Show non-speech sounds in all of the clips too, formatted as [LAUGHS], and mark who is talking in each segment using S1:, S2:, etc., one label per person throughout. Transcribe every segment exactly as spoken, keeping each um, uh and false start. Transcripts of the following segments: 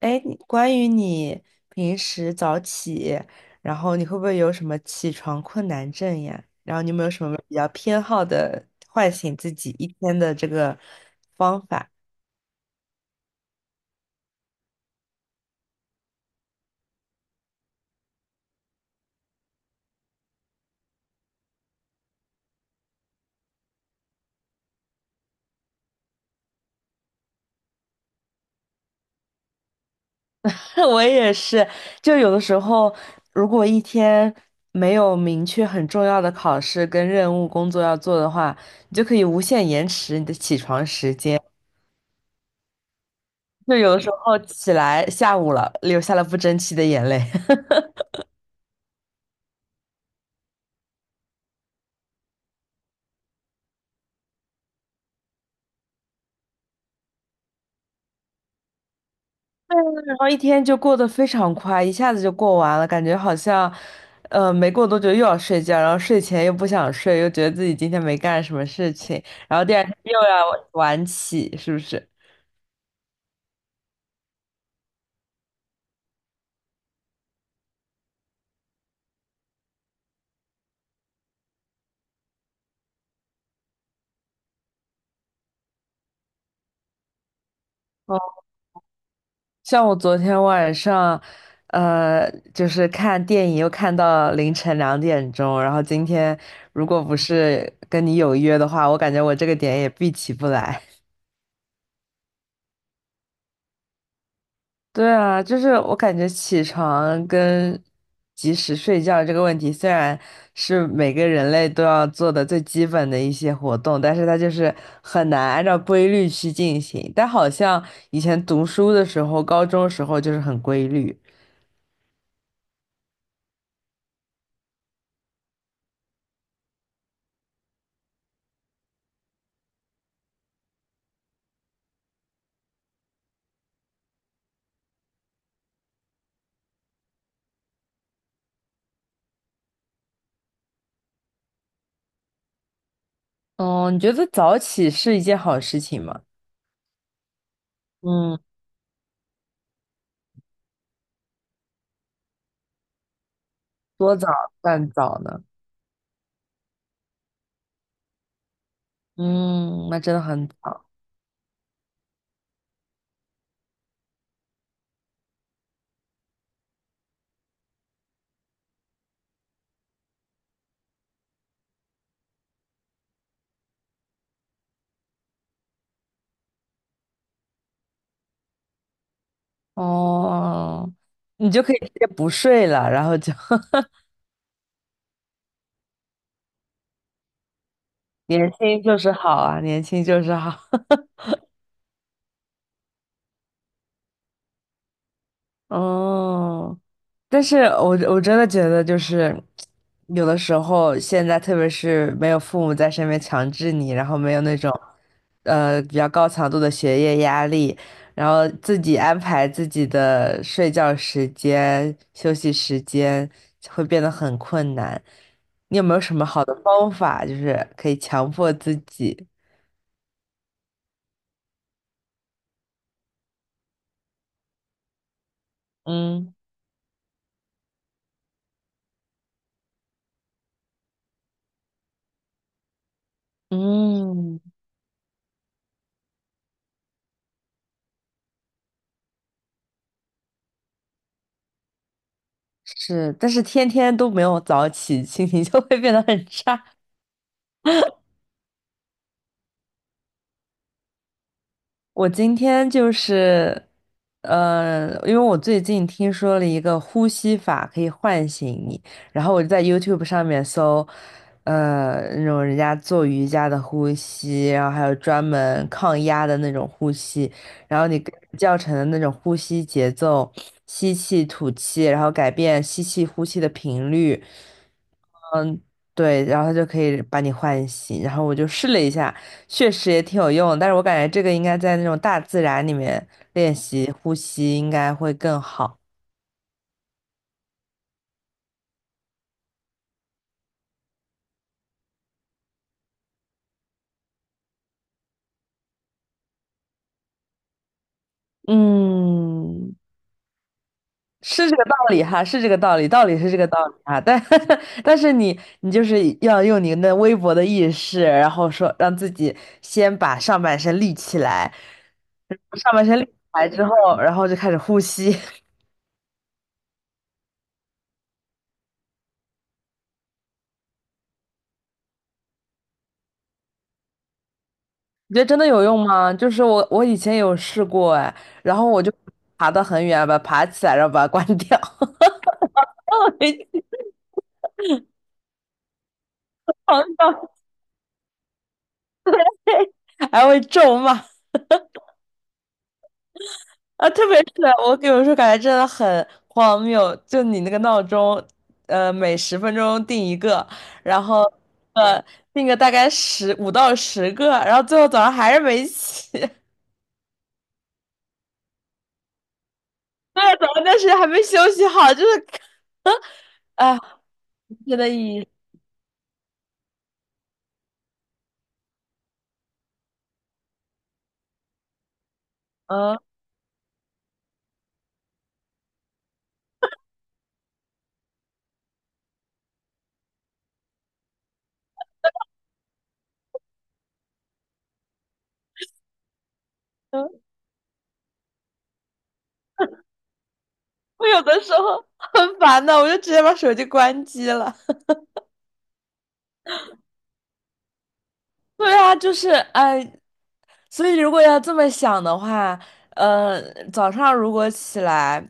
S1: 哎，你关于你平时早起，然后你会不会有什么起床困难症呀？然后你有没有什么比较偏好的唤醒自己一天的这个方法？[LAUGHS] 我也是，就有的时候，如果一天没有明确很重要的考试跟任务工作要做的话，你就可以无限延迟你的起床时间。就有的时候起来下午了，流下了不争气的眼泪。然后一天就过得非常快，一下子就过完了，感觉好像，呃，没过多久又要睡觉，然后睡前又不想睡，又觉得自己今天没干什么事情，然后第二天又要晚起，是不是？像我昨天晚上，呃，就是看电影又看到凌晨两点钟，然后今天如果不是跟你有约的话，我感觉我这个点也必起不来。对啊，就是我感觉起床跟及时睡觉这个问题，虽然是每个人类都要做的最基本的一些活动，但是它就是很难按照规律去进行。但好像以前读书的时候，高中的时候就是很规律。哦，你觉得早起是一件好事情吗？嗯。多早算早呢？嗯，那真的很早。哦，你就可以直接不睡了，然后就 [LAUGHS] 年轻就是好啊，年轻就是好。哦，但是我我真的觉得，就是有的时候，现在特别是没有父母在身边强制你，然后没有那种呃比较高强度的学业压力，然后自己安排自己的睡觉时间、休息时间，会变得很困难。你有没有什么好的方法，就是可以强迫自己？嗯。嗯，是，但是天天都没有早起，心情就会变得很差。我今天就是，呃，因为我最近听说了一个呼吸法可以唤醒你，然后我就在 YouTube 上面搜，呃，那种人家做瑜伽的呼吸，然后还有专门抗压的那种呼吸，然后你跟着教程的那种呼吸节奏，吸气吐气，然后改变吸气呼气的频率。对，然后它就可以把你唤醒。然后我就试了一下，确实也挺有用的，但是我感觉这个应该在那种大自然里面练习呼吸，应该会更好。嗯，是这个道理哈，是这个道理，道理是这个道理哈。但 [LAUGHS] 但是你你就是要用你那微薄的意识，然后说让自己先把上半身立起来，上半身立起来之后，然后就开始呼吸。[LAUGHS] 你觉得真的有用吗？就是我我以前有试过哎，然后我就爬得很远，把它爬起来，然后把它关掉，[LAUGHS] 然后回去床上还会咒骂啊！特别是我有时说，感觉真的很荒谬，就你那个闹钟，呃，每十分钟定一个，然后呃定个大概十五到十个，然后最后早上还是没起，[LAUGHS] 对，早上但是还没休息好，就是啊，真的意义嗯。我有的时候很烦的，我就直接把手机关机了。对啊，就是哎，所以如果要这么想的话，呃，早上如果起来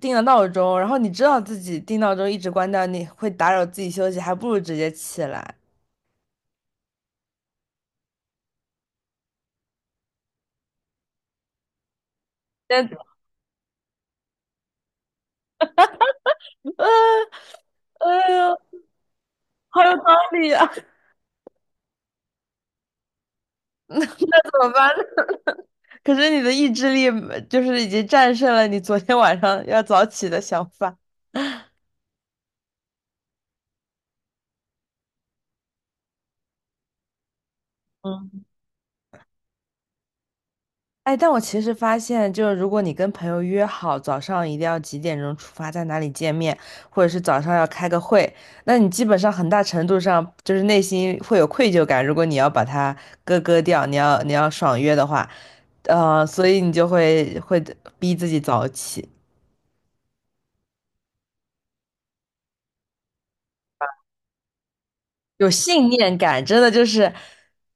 S1: 定了闹钟，然后你知道自己定闹钟一直关掉，你会打扰自己休息，还不如直接起来。但哎呦，好有道理啊！[LAUGHS] 怎么办呢，可是你的意志力就是已经战胜了你昨天晚上要早起的想法。嗯。哎，但我其实发现，就是如果你跟朋友约好早上一定要几点钟出发，在哪里见面，或者是早上要开个会，那你基本上很大程度上就是内心会有愧疚感。如果你要把它割割掉，你要你要爽约的话，呃，所以你就会会逼自己早起，有信念感，真的就是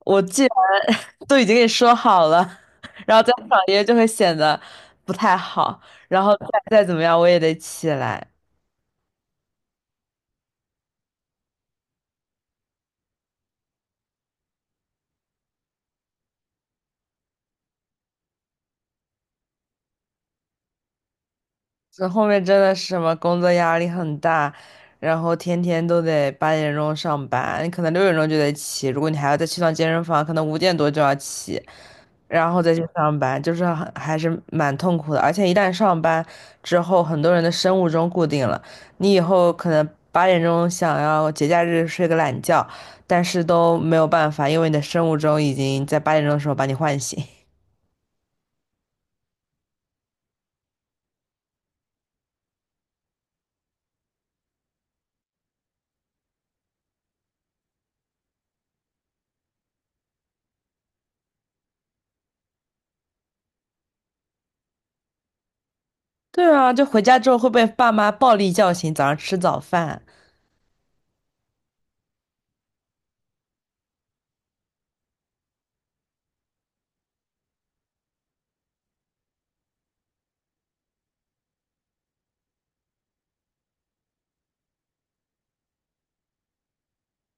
S1: 我既然 [LAUGHS] 都已经跟你说好了，然后再爽约就会显得不太好，然后再再怎么样我也得起来。这后面真的是什么工作压力很大，然后天天都得八点钟上班，你可能六点钟就得起，如果你还要再去趟健身房，可能五点多就要起，然后再去上班，就是很还是蛮痛苦的。而且一旦上班之后，很多人的生物钟固定了，你以后可能八点钟想要节假日睡个懒觉，但是都没有办法，因为你的生物钟已经在八点钟的时候把你唤醒。[LAUGHS] 对啊，就回家之后会被爸妈暴力叫醒，早上吃早饭。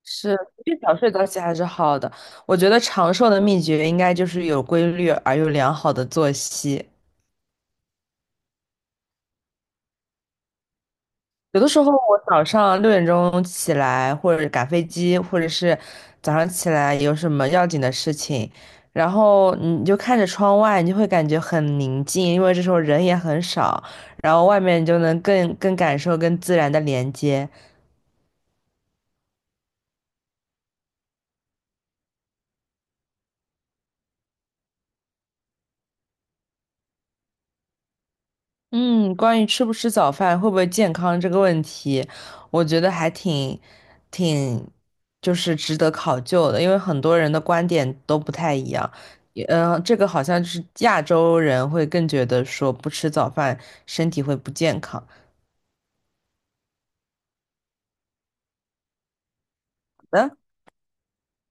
S1: 是，越早睡早起还是好的。我觉得长寿的秘诀应该就是有规律而又良好的作息。有的时候我早上六点钟起来，或者赶飞机，或者是早上起来有什么要紧的事情，然后你就看着窗外，你就会感觉很宁静，因为这时候人也很少，然后外面你就能更更感受跟自然的连接。嗯，关于吃不吃早饭会不会健康这个问题，我觉得还挺挺就是值得考究的，因为很多人的观点都不太一样。嗯，呃，这个好像就是亚洲人会更觉得说不吃早饭身体会不健康。